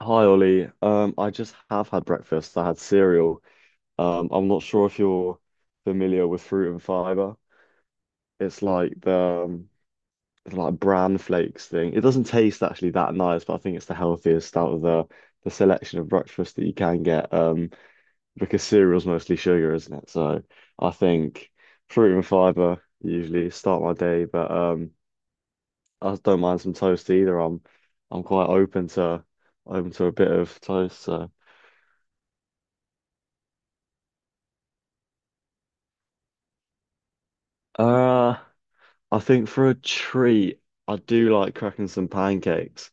Hi Ollie. I just have had breakfast. I had cereal. I'm not sure if you're familiar with fruit and fiber. It's like the it's like bran flakes thing. It doesn't taste actually that nice, but I think it's the healthiest out of the selection of breakfast that you can get. Because cereal's mostly sugar, isn't it? So I think fruit and fiber usually start my day, but I don't mind some toast either. I'm quite open to open to a bit of toast. So. Uh, I think for a treat, I do like cracking some pancakes.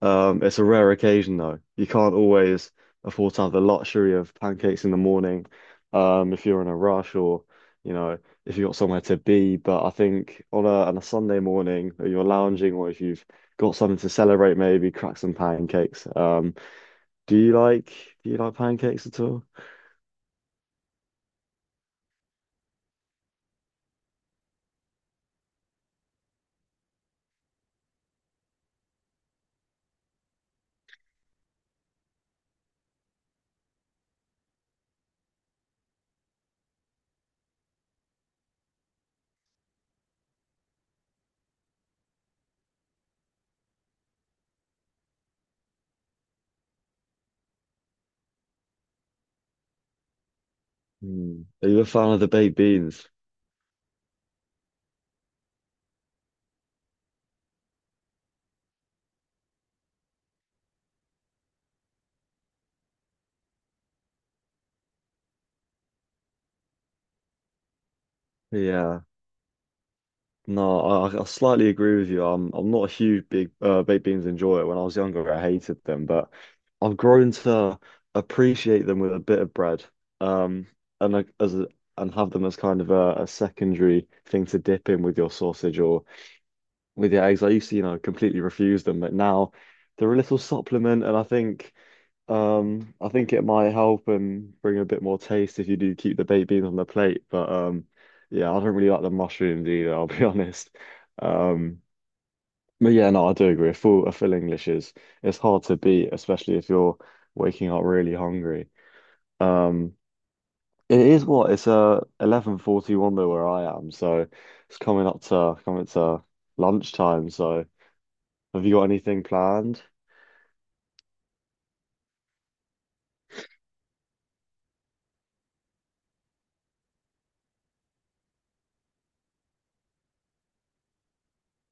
It's a rare occasion though. You can't always afford to have the luxury of pancakes in the morning, if you're in a rush or, you know, if you've got somewhere to be. But I think on a Sunday morning, or you're lounging, or if you've got something to celebrate, maybe crack some pancakes. Do you like do you like pancakes at all? Hmm. Are you a fan of the baked beans? Yeah. No, I slightly agree with you. I'm not a huge big baked beans enjoyer. When I was younger, I hated them, but I've grown to appreciate them with a bit of bread, um, and like as a, and have them as kind of a secondary thing to dip in with your sausage or with your eggs. I used to, you know, completely refuse them, but now they're a little supplement, and I think. I think it might help and bring a bit more taste if you do keep the baked beans on the plate. But yeah, I don't really like the mushrooms either, I'll be honest. Um, but yeah, no, I do agree. A full English is it's hard to beat, especially if you're waking up really hungry. Um, it is what it's 11:41 though where I am, so it's coming up to coming to lunchtime. So have you got anything planned?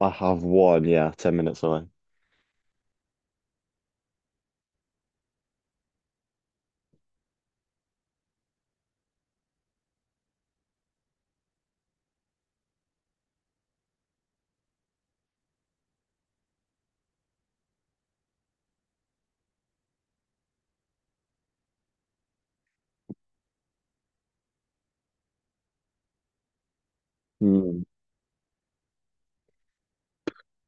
I have one, yeah, 10 minutes away. Hmm.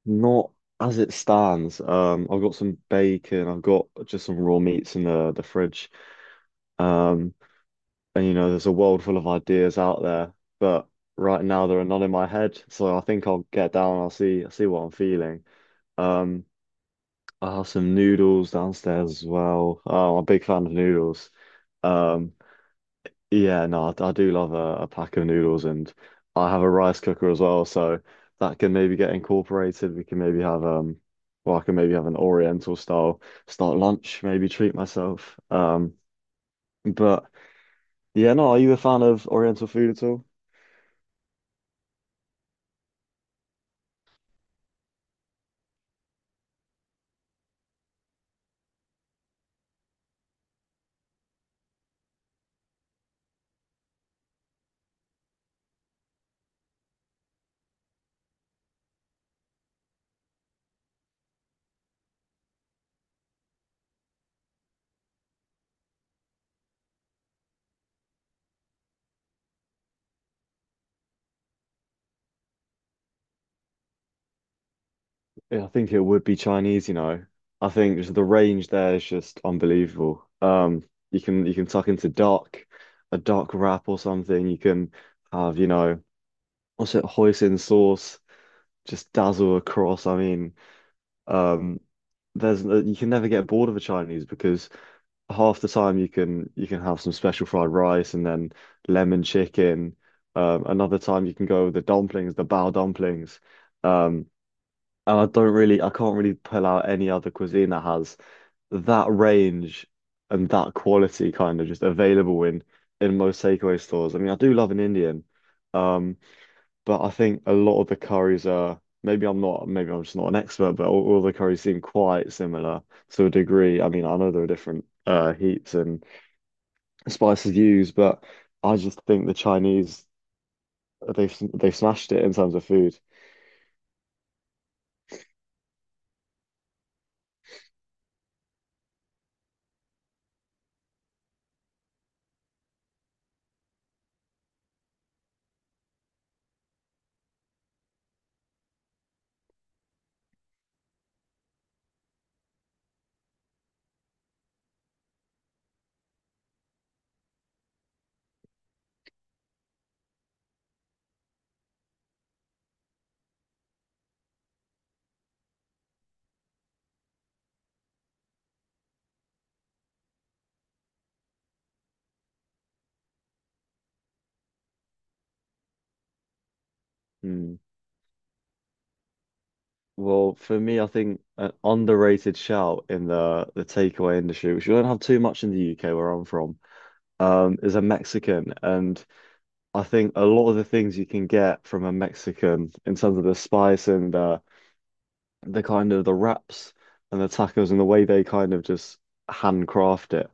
Not as it stands. I've got some bacon. I've got just some raw meats in the fridge. Um, and you know, there's a world full of ideas out there, but right now there are none in my head. So I think I'll get down. I'll see. I'll see what I'm feeling. Um, I have some noodles downstairs as well. I'm a big fan of noodles. Um, yeah, no, I do love a pack of noodles, and I have a rice cooker as well, so that can maybe get incorporated. We can maybe have well, I can maybe have an Oriental style start lunch, maybe treat myself. But yeah, no, are you a fan of Oriental food at all? Yeah, I think it would be Chinese, you know. I think just the range there is just unbelievable. You can tuck into dark, a dark wrap or something. You can have, you know, what's it, hoisin sauce. Just dazzle across. I mean, um, there's you can never get bored of a Chinese because half the time you can have some special fried rice and then lemon chicken. Another time you can go with the dumplings, the bao dumplings. Um, and I don't really, I can't really pull out any other cuisine that has that range and that quality kind of just available in most takeaway stores. I mean, I do love an Indian. Um, but I think a lot of the curries are maybe I'm not maybe I'm just not an expert, but all the curries seem quite similar to a degree. I mean, I know there are different heats and spices used, but I just think the Chinese they've smashed it in terms of food. Hmm. Well, for me, I think an underrated shout in the takeaway industry, which we don't have too much in the UK where I'm from, is a Mexican. And I think a lot of the things you can get from a Mexican in terms of the spice and the kind of the wraps and the tacos and the way they kind of just handcraft it,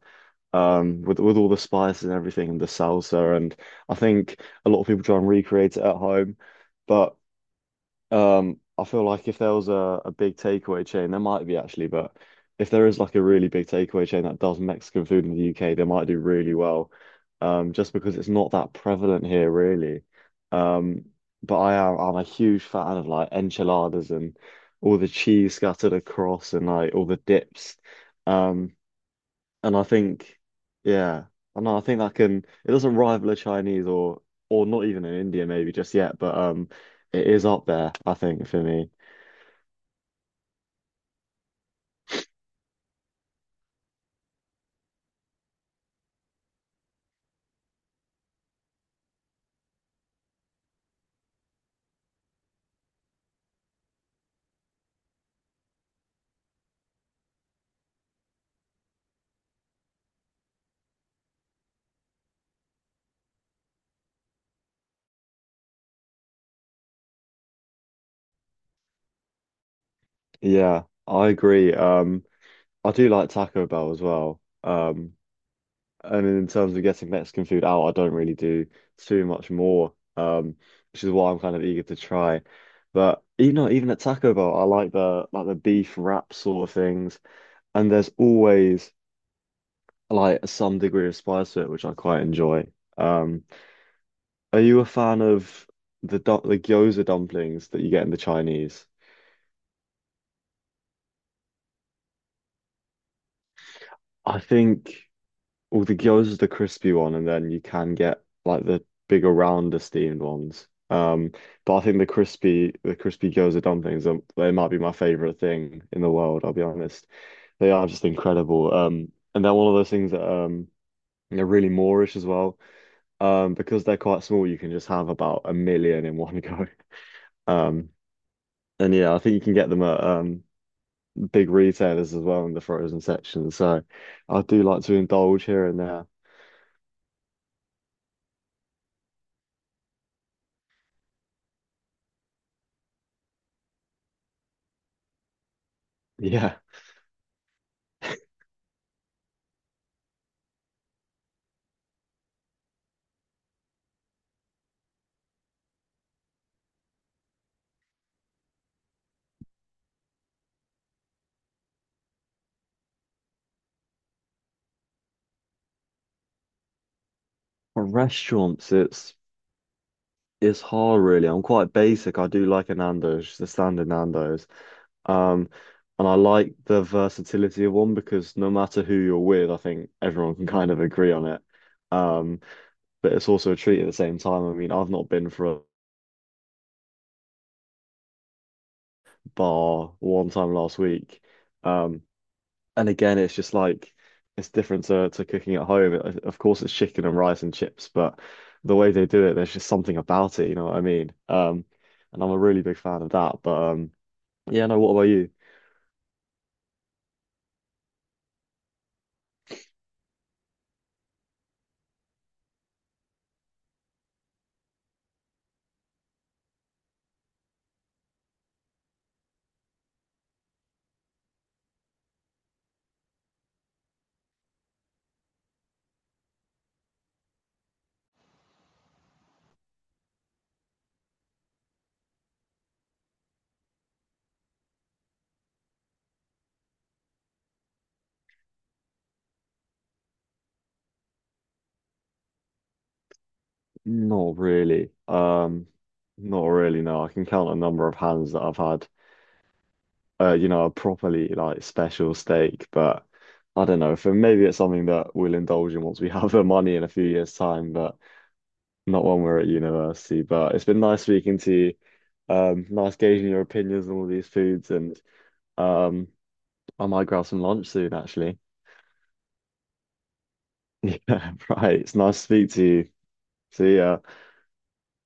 with all the spices and everything and the salsa. And I think a lot of people try and recreate it at home, but. I feel like if there was a big takeaway chain, there might be actually, but if there is like a really big takeaway chain that does Mexican food in the UK, they might do really well. Just because it's not that prevalent here, really. Um, but I'm a huge fan of like enchiladas and all the cheese scattered across and like all the dips. Um, and I think, yeah, I know. I think that can. It doesn't rival a Chinese or not even in India maybe just yet, but it is up there. I think for me. Yeah, I agree. I do like Taco Bell as well. And in terms of getting Mexican food out, I don't really do too much more. Which is why I'm kind of eager to try. But you know, even at Taco Bell, I like the beef wrap sort of things. And there's always like some degree of spice to it, which I quite enjoy. Um, are you a fan of the the gyoza dumplings that you get in the Chinese? I think well, the gyoza is the crispy one, and then you can get like the bigger, rounder steamed ones. But I think the crispy gyoza dumplings are, they might be my favorite thing in the world, I'll be honest. They are just incredible. And they're one of those things that they're really Moorish as well. Because they're quite small, you can just have about a million in one go. Um, and yeah, I think you can get them at big retailers as well in the frozen section. So I do like to indulge here and there. Yeah, for restaurants, it's hard really. I'm quite basic. I do like a Nando's, the standard Nando's. Um, and I like the versatility of one because no matter who you're with, I think everyone can kind of agree on it. Um, but it's also a treat at the same time. I mean, I've not been for a bar one time last week. Um, and again, it's just like it's different to cooking at home. It- Of course, it's chicken and rice and chips, but the way they do it, there's just something about it. You know what I mean? And I'm a really big fan of that. But yeah, no. What about you? Not really. Not really. No, I can count a number of hands that I've had. You know, a properly like special steak, but I don't know. For maybe it's something that we'll indulge in once we have the money in a few years' time. But not when we're at university, but it's been nice speaking to you. Nice gauging your opinions on all these foods, and um, I might grab some lunch soon, actually. Yeah, right. It's nice to speak to you. See ya.